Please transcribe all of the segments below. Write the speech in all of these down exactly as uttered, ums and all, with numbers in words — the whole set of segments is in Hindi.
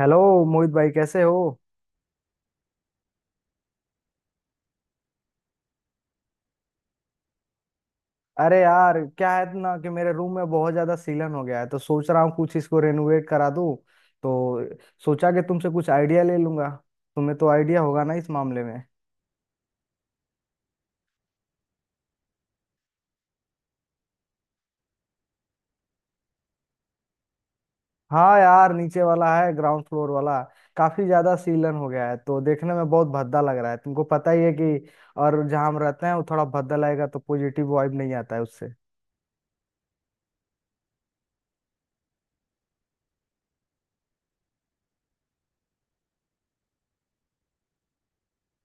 हेलो। मोहित भाई कैसे हो। अरे यार क्या है ना कि मेरे रूम में बहुत ज्यादा सीलन हो गया है तो सोच रहा हूँ कुछ इसको रेनोवेट करा दूँ तो सोचा कि तुमसे कुछ आइडिया ले लूंगा। तुम्हें तो आइडिया होगा ना इस मामले में। हाँ यार, नीचे वाला है, ग्राउंड फ्लोर वाला। काफी ज्यादा सीलन हो गया है तो देखने में बहुत भद्दा लग रहा है, तुमको पता ही है कि। और जहाँ हम रहते हैं वो थोड़ा भद्दा लगेगा तो पॉजिटिव वाइब नहीं आता है उससे।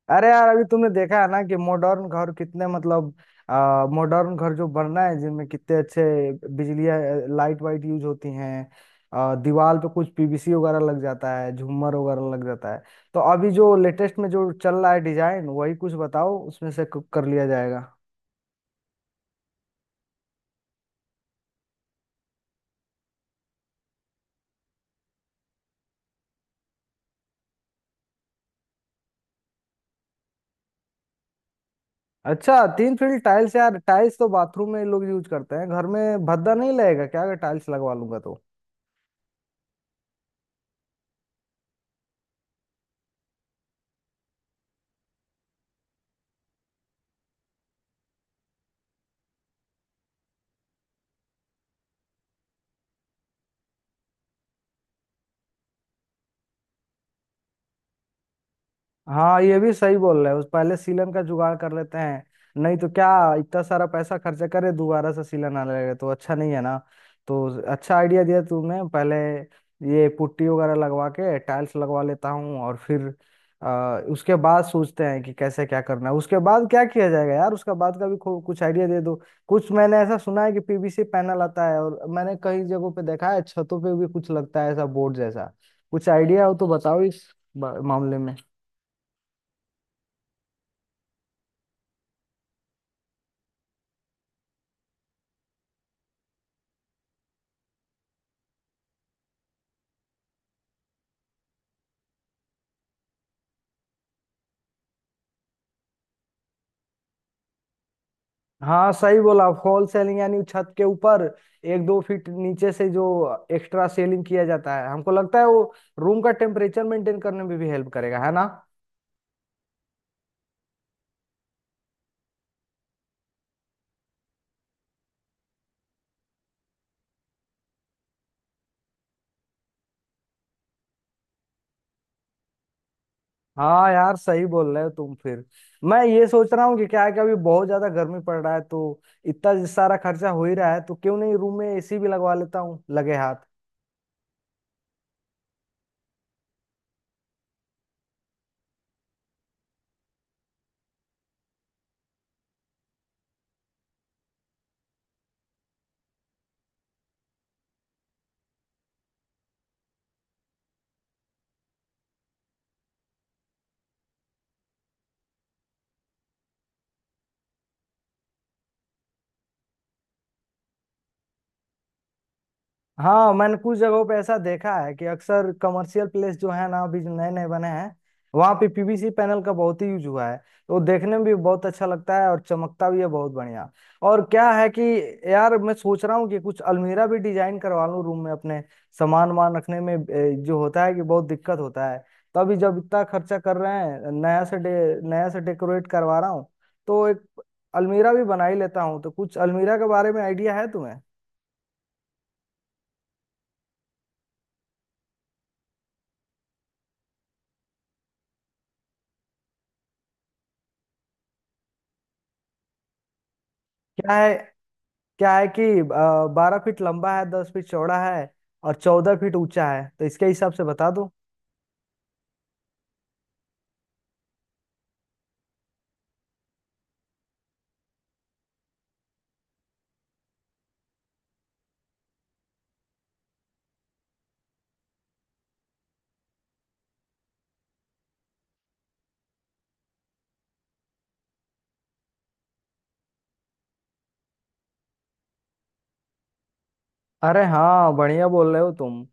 अरे यार, अभी तुमने देखा है ना कि मॉडर्न घर कितने मतलब आ, मॉडर्न घर जो बन रहा है जिनमें कितने अच्छे बिजली लाइट वाइट यूज होती हैं। आ, दीवार पे कुछ पीवीसी वगैरह लग जाता है, झूमर वगैरह लग जाता है। तो अभी जो लेटेस्ट में जो चल रहा है डिजाइन, वही कुछ बताओ, उसमें से क- कर लिया जाएगा। अच्छा, तीन फील्ड टाइल्स? यार टाइल्स तो बाथरूम में लोग यूज करते हैं, घर में भद्दा नहीं लगेगा क्या अगर टाइल्स लगवा लूंगा तो। हाँ, ये भी सही बोल रहे हो, पहले सीलन का जुगाड़ कर लेते हैं। नहीं तो क्या, इतना सारा पैसा खर्चा करे दोबारा से सीलन आने लगे तो अच्छा नहीं है ना। तो अच्छा आइडिया दिया तुमने। पहले ये पुट्टी वगैरह लगवा के टाइल्स लगवा लेता हूँ, और फिर आ, उसके बाद सोचते हैं कि कैसे क्या करना है। उसके बाद क्या किया जाएगा यार, उसका बाद का भी खू- कुछ आइडिया दे दो। कुछ मैंने ऐसा सुना है कि पीवीसी पैनल आता है, और मैंने कई जगहों पे देखा है, छतों पे भी कुछ लगता है ऐसा बोर्ड जैसा। कुछ आइडिया हो तो बताओ इस बा- मामले में। हाँ सही बोला, फॉल सेलिंग यानी छत के ऊपर एक दो फीट नीचे से जो एक्स्ट्रा सेलिंग किया जाता है। हमको लगता है वो रूम का टेम्परेचर मेंटेन करने में भी हेल्प करेगा, है ना। हाँ यार सही बोल रहे हो तुम। फिर मैं ये सोच रहा हूँ कि क्या है कि अभी बहुत ज्यादा गर्मी पड़ रहा है, तो इतना सारा खर्चा हो ही रहा है तो क्यों नहीं रूम में एसी भी लगवा लेता हूँ लगे हाथ। हाँ मैंने कुछ जगहों पे ऐसा देखा है कि अक्सर कमर्शियल प्लेस जो है ना अभी जो नए नए बने हैं, वहाँ पे पीवीसी पैनल का बहुत ही यूज हुआ है। तो देखने में भी बहुत अच्छा लगता है और चमकता भी है बहुत बढ़िया। और क्या है कि यार मैं सोच रहा हूँ कि कुछ अलमीरा भी डिजाइन करवा लूँ रूम में अपने। सामान वामान रखने में ए, जो होता है कि बहुत दिक्कत होता है। तो अभी जब इतना खर्चा कर रहे हैं नया से डे नया से डेकोरेट करवा रहा हूँ तो एक अलमीरा भी बना ही लेता हूँ। तो कुछ अलमीरा के बारे में आइडिया है तुम्हें। क्या है, क्या है कि बारह फीट लंबा है, दस फीट चौड़ा है, और चौदह फीट ऊंचा है, तो इसके हिसाब से बता दो। अरे हाँ बढ़िया बोल रहे हो तुम,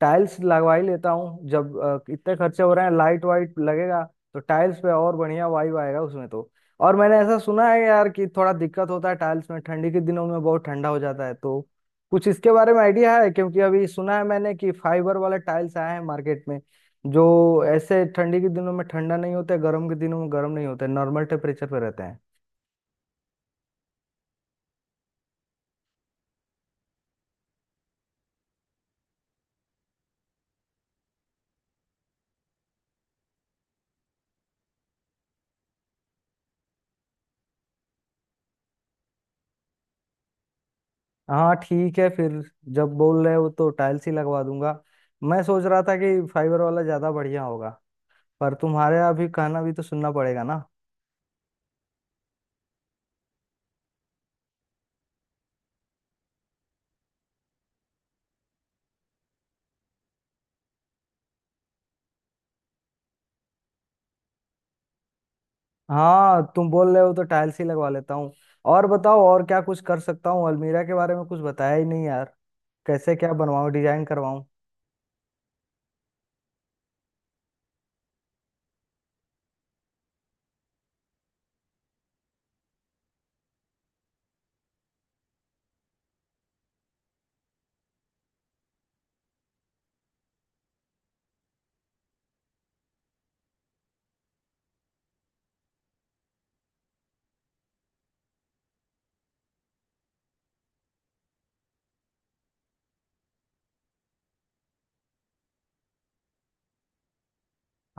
टाइल्स लगवा ही लेता हूँ। जब अ, इतने खर्चे हो रहे हैं, लाइट वाइट लगेगा तो टाइल्स पे और बढ़िया वाइब आएगा उसमें तो। और मैंने ऐसा सुना है यार कि थोड़ा दिक्कत होता है टाइल्स में, ठंडी के दिनों में बहुत ठंडा हो जाता है तो कुछ इसके बारे में आइडिया है? क्योंकि अभी सुना है मैंने कि फाइबर वाले टाइल्स आए हैं मार्केट में जो ऐसे ठंडी के दिनों में ठंडा नहीं होते, गर्म के दिनों में गर्म नहीं होते, नॉर्मल टेम्परेचर पे रहते हैं। हाँ ठीक है फिर, जब बोल रहे हो तो टाइल्स ही लगवा दूंगा। मैं सोच रहा था कि फाइबर वाला ज्यादा बढ़िया होगा, पर तुम्हारे अभी कहना भी तो सुनना पड़ेगा ना। हाँ तुम बोल रहे हो तो टाइल्स ही लगवा लेता हूँ। और बताओ और क्या कुछ कर सकता हूँ, अलमीरा के बारे में कुछ बताया ही नहीं यार। कैसे क्या बनवाऊँ, डिजाइन करवाऊँ।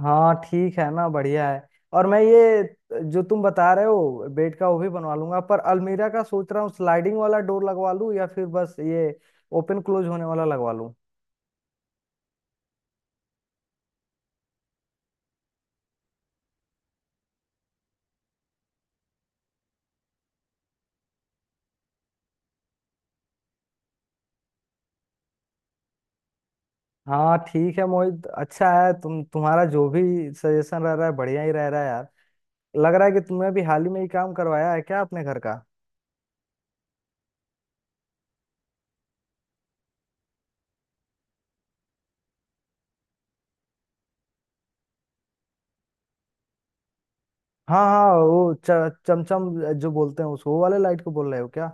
हाँ ठीक है ना, बढ़िया है। और मैं ये जो तुम बता रहे हो बेड का वो भी बनवा लूंगा, पर अलमीरा का सोच रहा हूँ स्लाइडिंग वाला डोर लगवा लूँ या फिर बस ये ओपन क्लोज होने वाला लगवा लूँ। हाँ ठीक है मोहित, अच्छा है, तुम तुम्हारा जो भी सजेशन रह रहा है बढ़िया ही रह रहा है यार। लग रहा है कि तुमने भी हाल ही में ही काम करवाया है क्या अपने घर का। हाँ हाँ वो च- चमचम जो बोलते हैं उसको, वो वाले लाइट को बोल रहे हो क्या।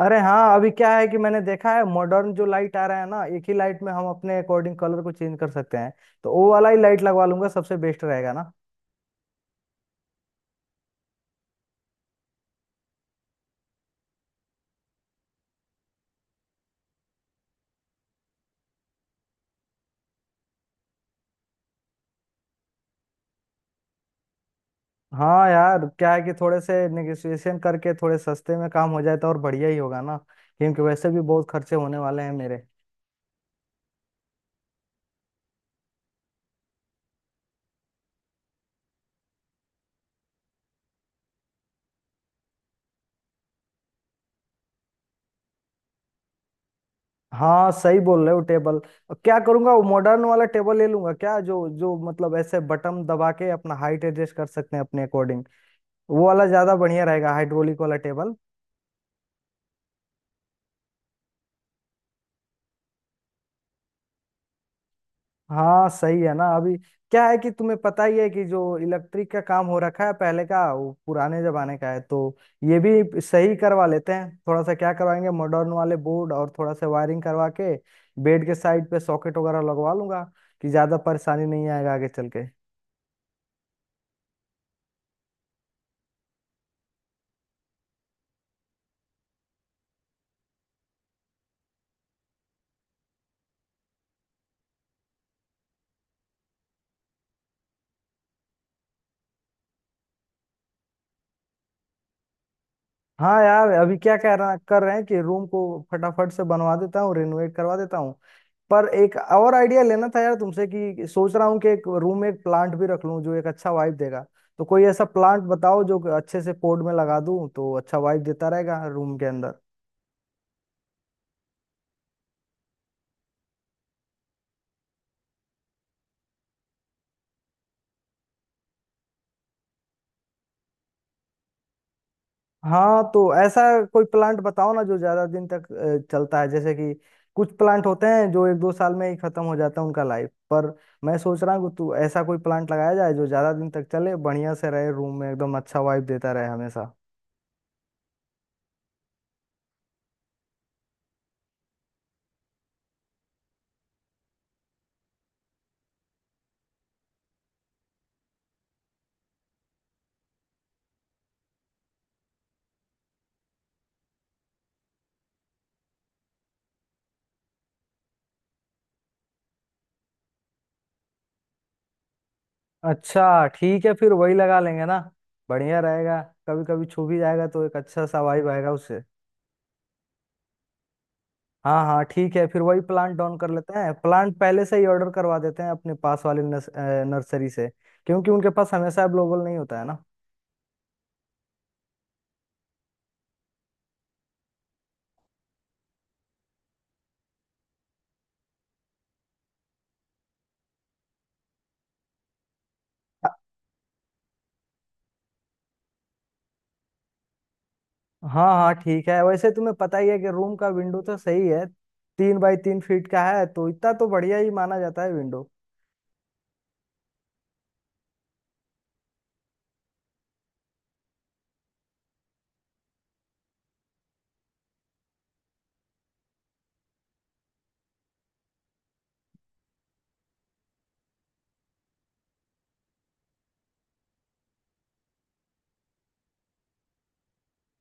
अरे हाँ, अभी क्या है कि मैंने देखा है मॉडर्न जो लाइट आ रहा है ना, एक ही लाइट में हम अपने अकॉर्डिंग कलर को चेंज कर सकते हैं। तो वो वाला ही लाइट लगवा लूंगा, सबसे बेस्ट रहेगा ना। हाँ यार क्या है कि थोड़े से नेगोशिएशन करके थोड़े सस्ते में काम हो जाए तो और बढ़िया ही होगा ना, क्योंकि वैसे भी बहुत खर्चे होने वाले हैं मेरे। हाँ सही बोल रहे हो टेबल। क्या करूंगा, वो मॉडर्न वाला टेबल ले लूंगा क्या, जो जो मतलब ऐसे बटन दबा के अपना हाइट एडजस्ट कर सकते हैं अपने अकॉर्डिंग। वो वाला ज्यादा बढ़िया रहेगा, हाइड्रोलिक वाला टेबल। हाँ सही है ना। अभी क्या है कि तुम्हें पता ही है कि जो इलेक्ट्रिक का काम हो रखा है पहले का, वो पुराने जमाने का है, तो ये भी सही करवा लेते हैं। थोड़ा सा क्या करवाएंगे, मॉडर्न वाले बोर्ड और थोड़ा सा वायरिंग करवा के बेड के साइड पे सॉकेट वगैरह लगवा लूंगा कि ज्यादा परेशानी नहीं आएगा आगे चल के। हाँ यार, अभी क्या कह रहा कर रहे हैं कि रूम को फटाफट से बनवा देता हूँ, रिनोवेट करवा देता हूँ। पर एक और आइडिया लेना था यार तुमसे, कि सोच रहा हूँ कि एक रूम में एक प्लांट भी रख लूँ जो एक अच्छा वाइब देगा। तो कोई ऐसा प्लांट बताओ जो अच्छे से पॉट में लगा दूँ तो अच्छा वाइब देता रहेगा रूम के अंदर। हाँ तो ऐसा कोई प्लांट बताओ ना जो ज्यादा दिन तक अ, चलता है। जैसे कि कुछ प्लांट होते हैं जो एक दो साल में ही खत्म हो जाता है उनका लाइफ, पर मैं सोच रहा हूँ कि तू ऐसा कोई प्लांट लगाया जाए जो ज्यादा दिन तक चले, बढ़िया से रहे रूम में, एकदम अच्छा वाइब देता रहे हमेशा। अच्छा ठीक है, फिर वही लगा लेंगे ना, बढ़िया रहेगा। कभी कभी छू भी जाएगा तो एक अच्छा सा वाइब आएगा उससे। हाँ हाँ ठीक है, फिर वही प्लांट डाउन कर लेते हैं। प्लांट पहले से ही ऑर्डर करवा देते हैं अपने पास वाले नर्स, अ, नर्सरी से, क्योंकि उनके पास हमेशा अवेलेबल नहीं होता है ना। हाँ हाँ ठीक है, वैसे तुम्हें पता ही है कि रूम का विंडो तो सही है, तीन बाई तीन फीट का है, तो इतना तो बढ़िया ही माना जाता है विंडो।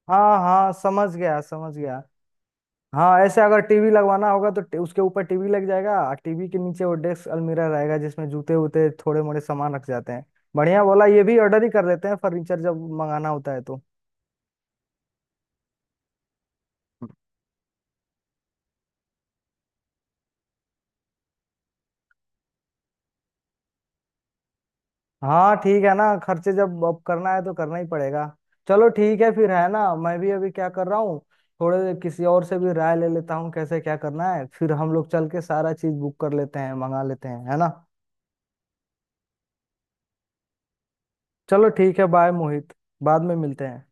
हाँ हाँ समझ गया समझ गया हाँ ऐसे अगर टीवी लगवाना होगा तो टी- उसके ऊपर टीवी लग जाएगा, और टीवी के नीचे वो डेस्क अलमीरा रहेगा जिसमें जूते वूते थोड़े मोड़े सामान रख जाते हैं। बढ़िया बोला, ये भी ऑर्डर ही कर लेते हैं फर्नीचर जब मंगाना होता है तो। हाँ ठीक है ना, खर्चे जब अब करना है तो करना ही पड़ेगा। चलो ठीक है फिर है ना, मैं भी अभी क्या कर रहा हूँ, थोड़े किसी और से भी राय ले लेता हूँ कैसे क्या करना है, फिर हम लोग चल के सारा चीज बुक कर लेते हैं मंगा लेते हैं है ना। चलो ठीक है बाय मोहित, बाद में मिलते हैं।